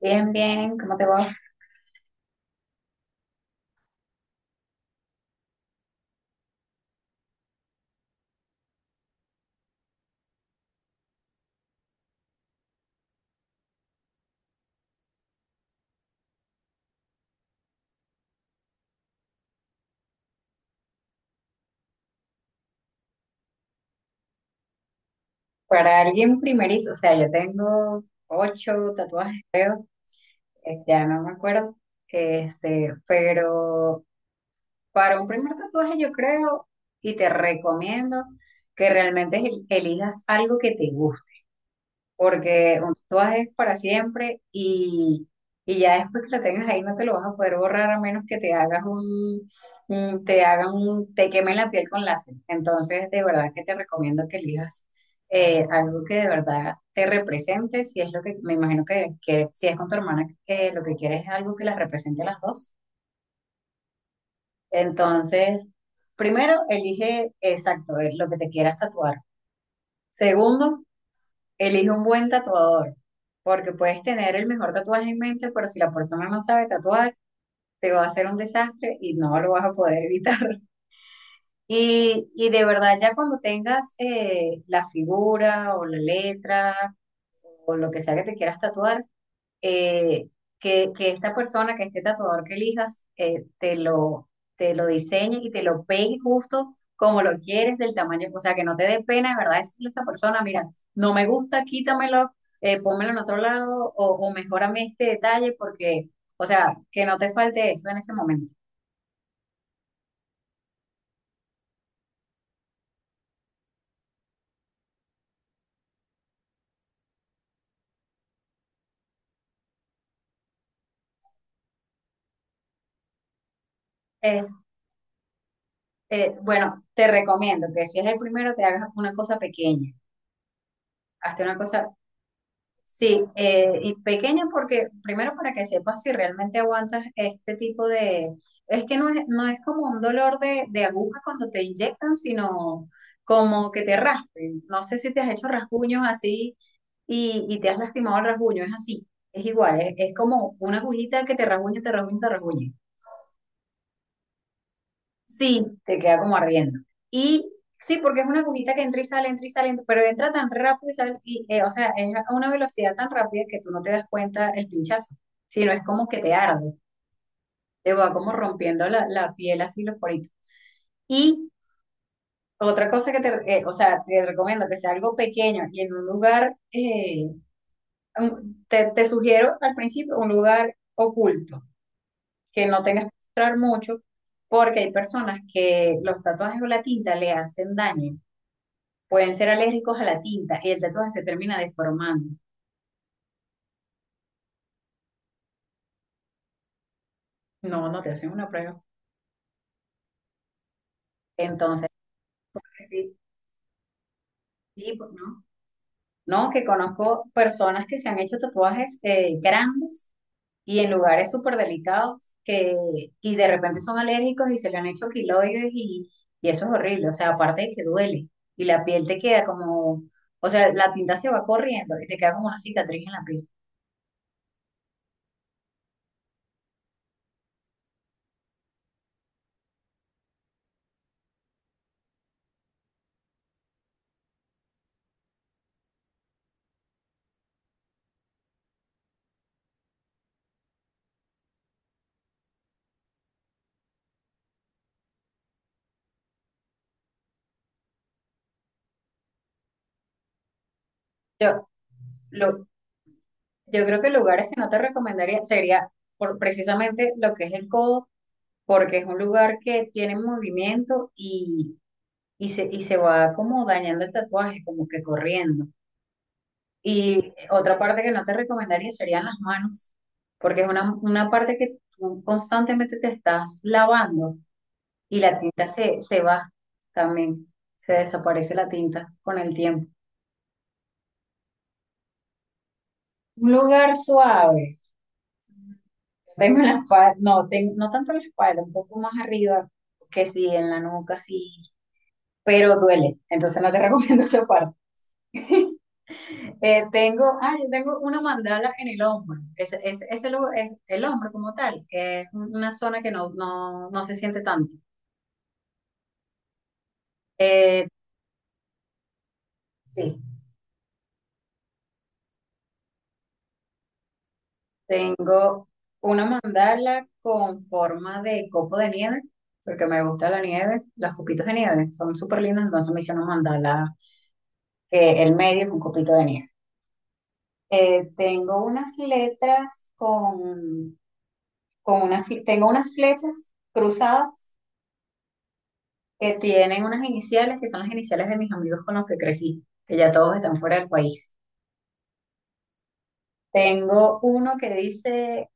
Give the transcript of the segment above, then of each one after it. Bien, bien, ¿cómo te va? Para alguien primerizo, o sea, yo tengo 8 tatuajes, creo, ya no me acuerdo, pero para un primer tatuaje yo creo y te recomiendo que realmente elijas algo que te guste. Porque un tatuaje es para siempre y ya después que lo tengas ahí no te lo vas a poder borrar a menos que te hagas te hagan te quemen la piel con láser. Entonces, de verdad que te recomiendo que elijas algo que de verdad te represente, si es lo que, me imagino que si es con tu hermana, que lo que quieres es algo que las represente a las dos. Entonces, primero, elige exacto lo que te quieras tatuar. Segundo, elige un buen tatuador, porque puedes tener el mejor tatuaje en mente, pero si la persona no sabe tatuar, te va a hacer un desastre y no lo vas a poder evitar. Y de verdad, ya cuando tengas la figura o la letra o lo que sea que te quieras tatuar, eh, que esta persona, que este tatuador que elijas, te lo diseñe y te lo pegue justo como lo quieres, del tamaño, o sea, que no te dé pena, de verdad, decirle a esta persona, mira, no me gusta, quítamelo, pónmelo en otro lado, o mejórame este detalle, porque, o sea, que no te falte eso en ese momento. Eh, bueno, te recomiendo que si es el primero, te hagas una cosa pequeña, hazte una cosa. Sí, y pequeña porque, primero para que sepas si realmente aguantas este tipo de... Es que no es como un dolor de aguja cuando te inyectan, sino como que te raspen. No sé si te has hecho rasguños así y te has lastimado el rasguño, es así, es igual, es como una agujita que te rasguña, te rasguña, te rasguña. Sí, te queda como ardiendo. Y sí, porque es una agujita que entra y sale, pero entra tan rápido y sale, o sea, es a una velocidad tan rápida que tú no te das cuenta el pinchazo, sino es como que te arde, te va como rompiendo la piel así los poritos. Y otra cosa que o sea, te recomiendo que sea algo pequeño y en un lugar, te sugiero al principio un lugar oculto, que no tengas que mostrar mucho, porque hay personas que los tatuajes o la tinta le hacen daño. Pueden ser alérgicos a la tinta y el tatuaje se termina deformando. No, no te hacen una prueba. Entonces, pues sí, sí, pues, no. No, que conozco personas que se han hecho tatuajes grandes y en lugares súper delicados y de repente son alérgicos y se le han hecho quiloides y eso es horrible. O sea, aparte de que duele y la piel te queda como, o sea, la tinta se va corriendo y te queda como una cicatriz en la piel. Yo, lo, yo creo que lugares que no te recomendaría sería por precisamente lo que es el codo porque es un lugar que tiene movimiento y se va como dañando el tatuaje, como que corriendo. Y otra parte que no te recomendaría serían las manos, porque es una parte que tú constantemente te estás lavando y la tinta se va también, se desaparece la tinta con el tiempo. Un lugar suave, tengo la espalda, no, no tanto la espalda, un poco más arriba, que sí, en la nuca, sí, pero duele, entonces no te recomiendo esa parte. Tengo, ay, tengo una mandala en el hombro. Ese lugar es el hombro como tal. Es una zona que no se siente tanto. Eh, sí, tengo una mandala con forma de copo de nieve, porque me gusta la nieve. Las copitos de nieve son súper lindas, entonces me hice una mandala que el medio es un copito de nieve. Tengo unas letras con unas, tengo unas flechas cruzadas que tienen unas iniciales que son las iniciales de mis amigos con los que crecí, que ya todos están fuera del país. Tengo uno que dice,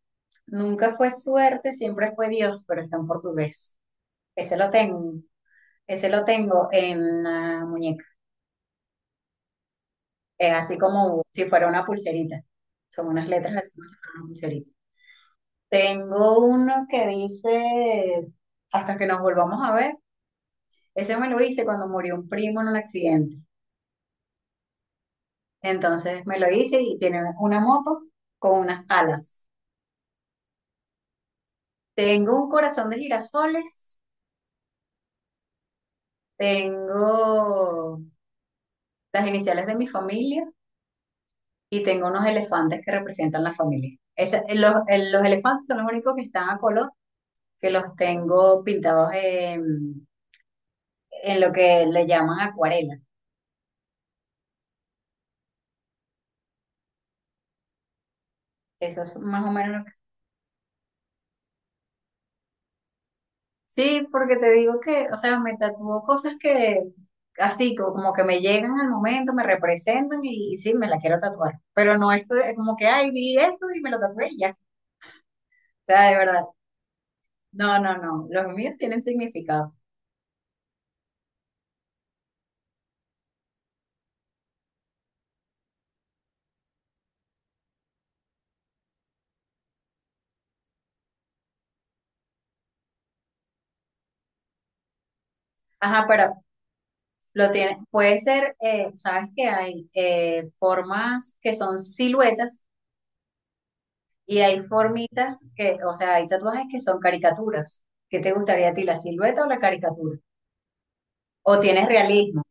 nunca fue suerte, siempre fue Dios, pero está en portugués. Ese lo tengo, ese lo tengo en la muñeca. Es así como si fuera una pulserita. Son unas letras así como si fuera una pulserita. Tengo uno que dice, hasta que nos volvamos a ver. Ese me lo hice cuando murió un primo en un accidente. Entonces me lo hice y tiene una moto con unas alas. Tengo un corazón de girasoles, tengo las iniciales de mi familia y tengo unos elefantes que representan la familia. Los elefantes son los únicos que están a color, que los tengo pintados en lo que le llaman acuarela. Esos son más o menos. Sí, porque te digo que, o sea, me tatúo cosas que como que me llegan al momento, me representan y sí, me la quiero tatuar. Pero no es que- como que, ay, vi esto y me lo tatué y ya. O sea, de verdad. No, no, no. Los míos tienen significado. Ajá, pero lo tiene. Puede ser, sabes que hay formas que son siluetas y hay formitas que, o sea, hay tatuajes que son caricaturas. ¿Qué te gustaría a ti, la silueta o la caricatura? ¿O tienes realismo?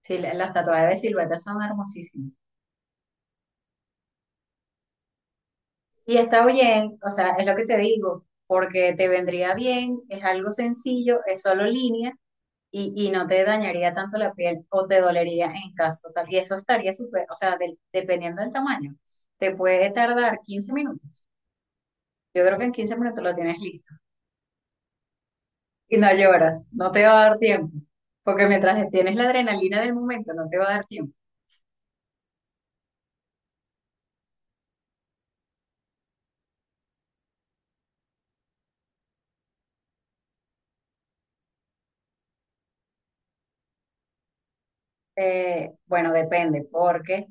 Sí, las tatuadas de silueta son hermosísimas. Y está bien, o sea, es lo que te digo, porque te vendría bien, es algo sencillo, es solo línea y no te dañaría tanto la piel o te dolería en caso tal. Y eso estaría súper, o sea, dependiendo del tamaño, te puede tardar 15 minutos. Yo creo que en 15 minutos lo tienes listo y no lloras, no te va a dar tiempo, porque mientras tienes la adrenalina del momento, no te va a dar tiempo. Bueno, depende, porque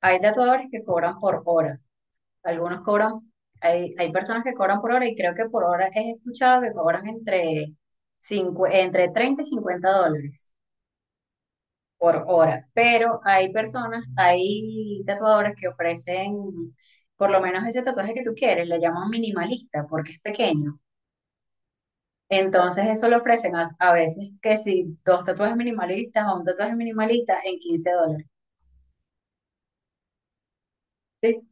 hay tatuadores que cobran por hora. Algunos cobran, hay personas que cobran por hora y creo que por hora he escuchado que cobran entre $30 y $50 por hora, pero hay personas, hay tatuadores que ofrecen por lo menos ese tatuaje que tú quieres, le llaman minimalista porque es pequeño. Entonces eso lo ofrecen a veces que si dos tatuajes minimalistas o un tatuaje minimalista en $15. Sí,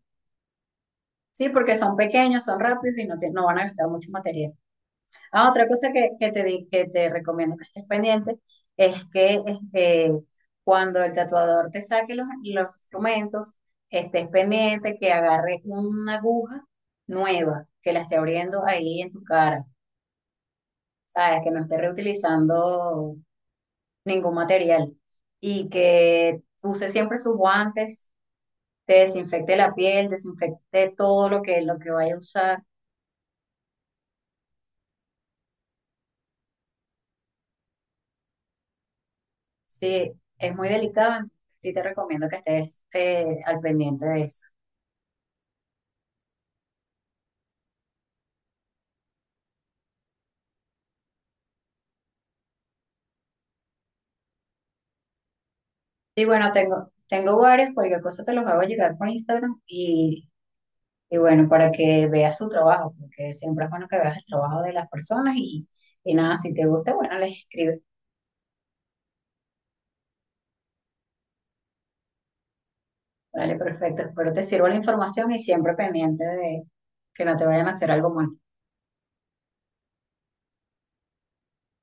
sí, porque son pequeños, son rápidos y no, no van a gastar mucho material. Ah, otra cosa que que te recomiendo que estés pendiente es que este, cuando el tatuador te saque los instrumentos, estés pendiente que agarre una aguja nueva, que la esté abriendo ahí en tu cara, ¿sabes? Que no esté reutilizando ningún material y que use siempre sus guantes, te desinfecte la piel, desinfecte todo lo lo que vaya a usar. Sí, es muy delicado, entonces sí te recomiendo que estés al pendiente de eso. Sí, bueno, tengo varios, cualquier cosa te los hago llegar por Instagram y bueno, para que veas su trabajo, porque siempre es bueno que veas el trabajo de las personas y nada, si te gusta, bueno, les escribes. Vale, perfecto, espero te sirva la información y siempre pendiente de que no te vayan a hacer algo mal.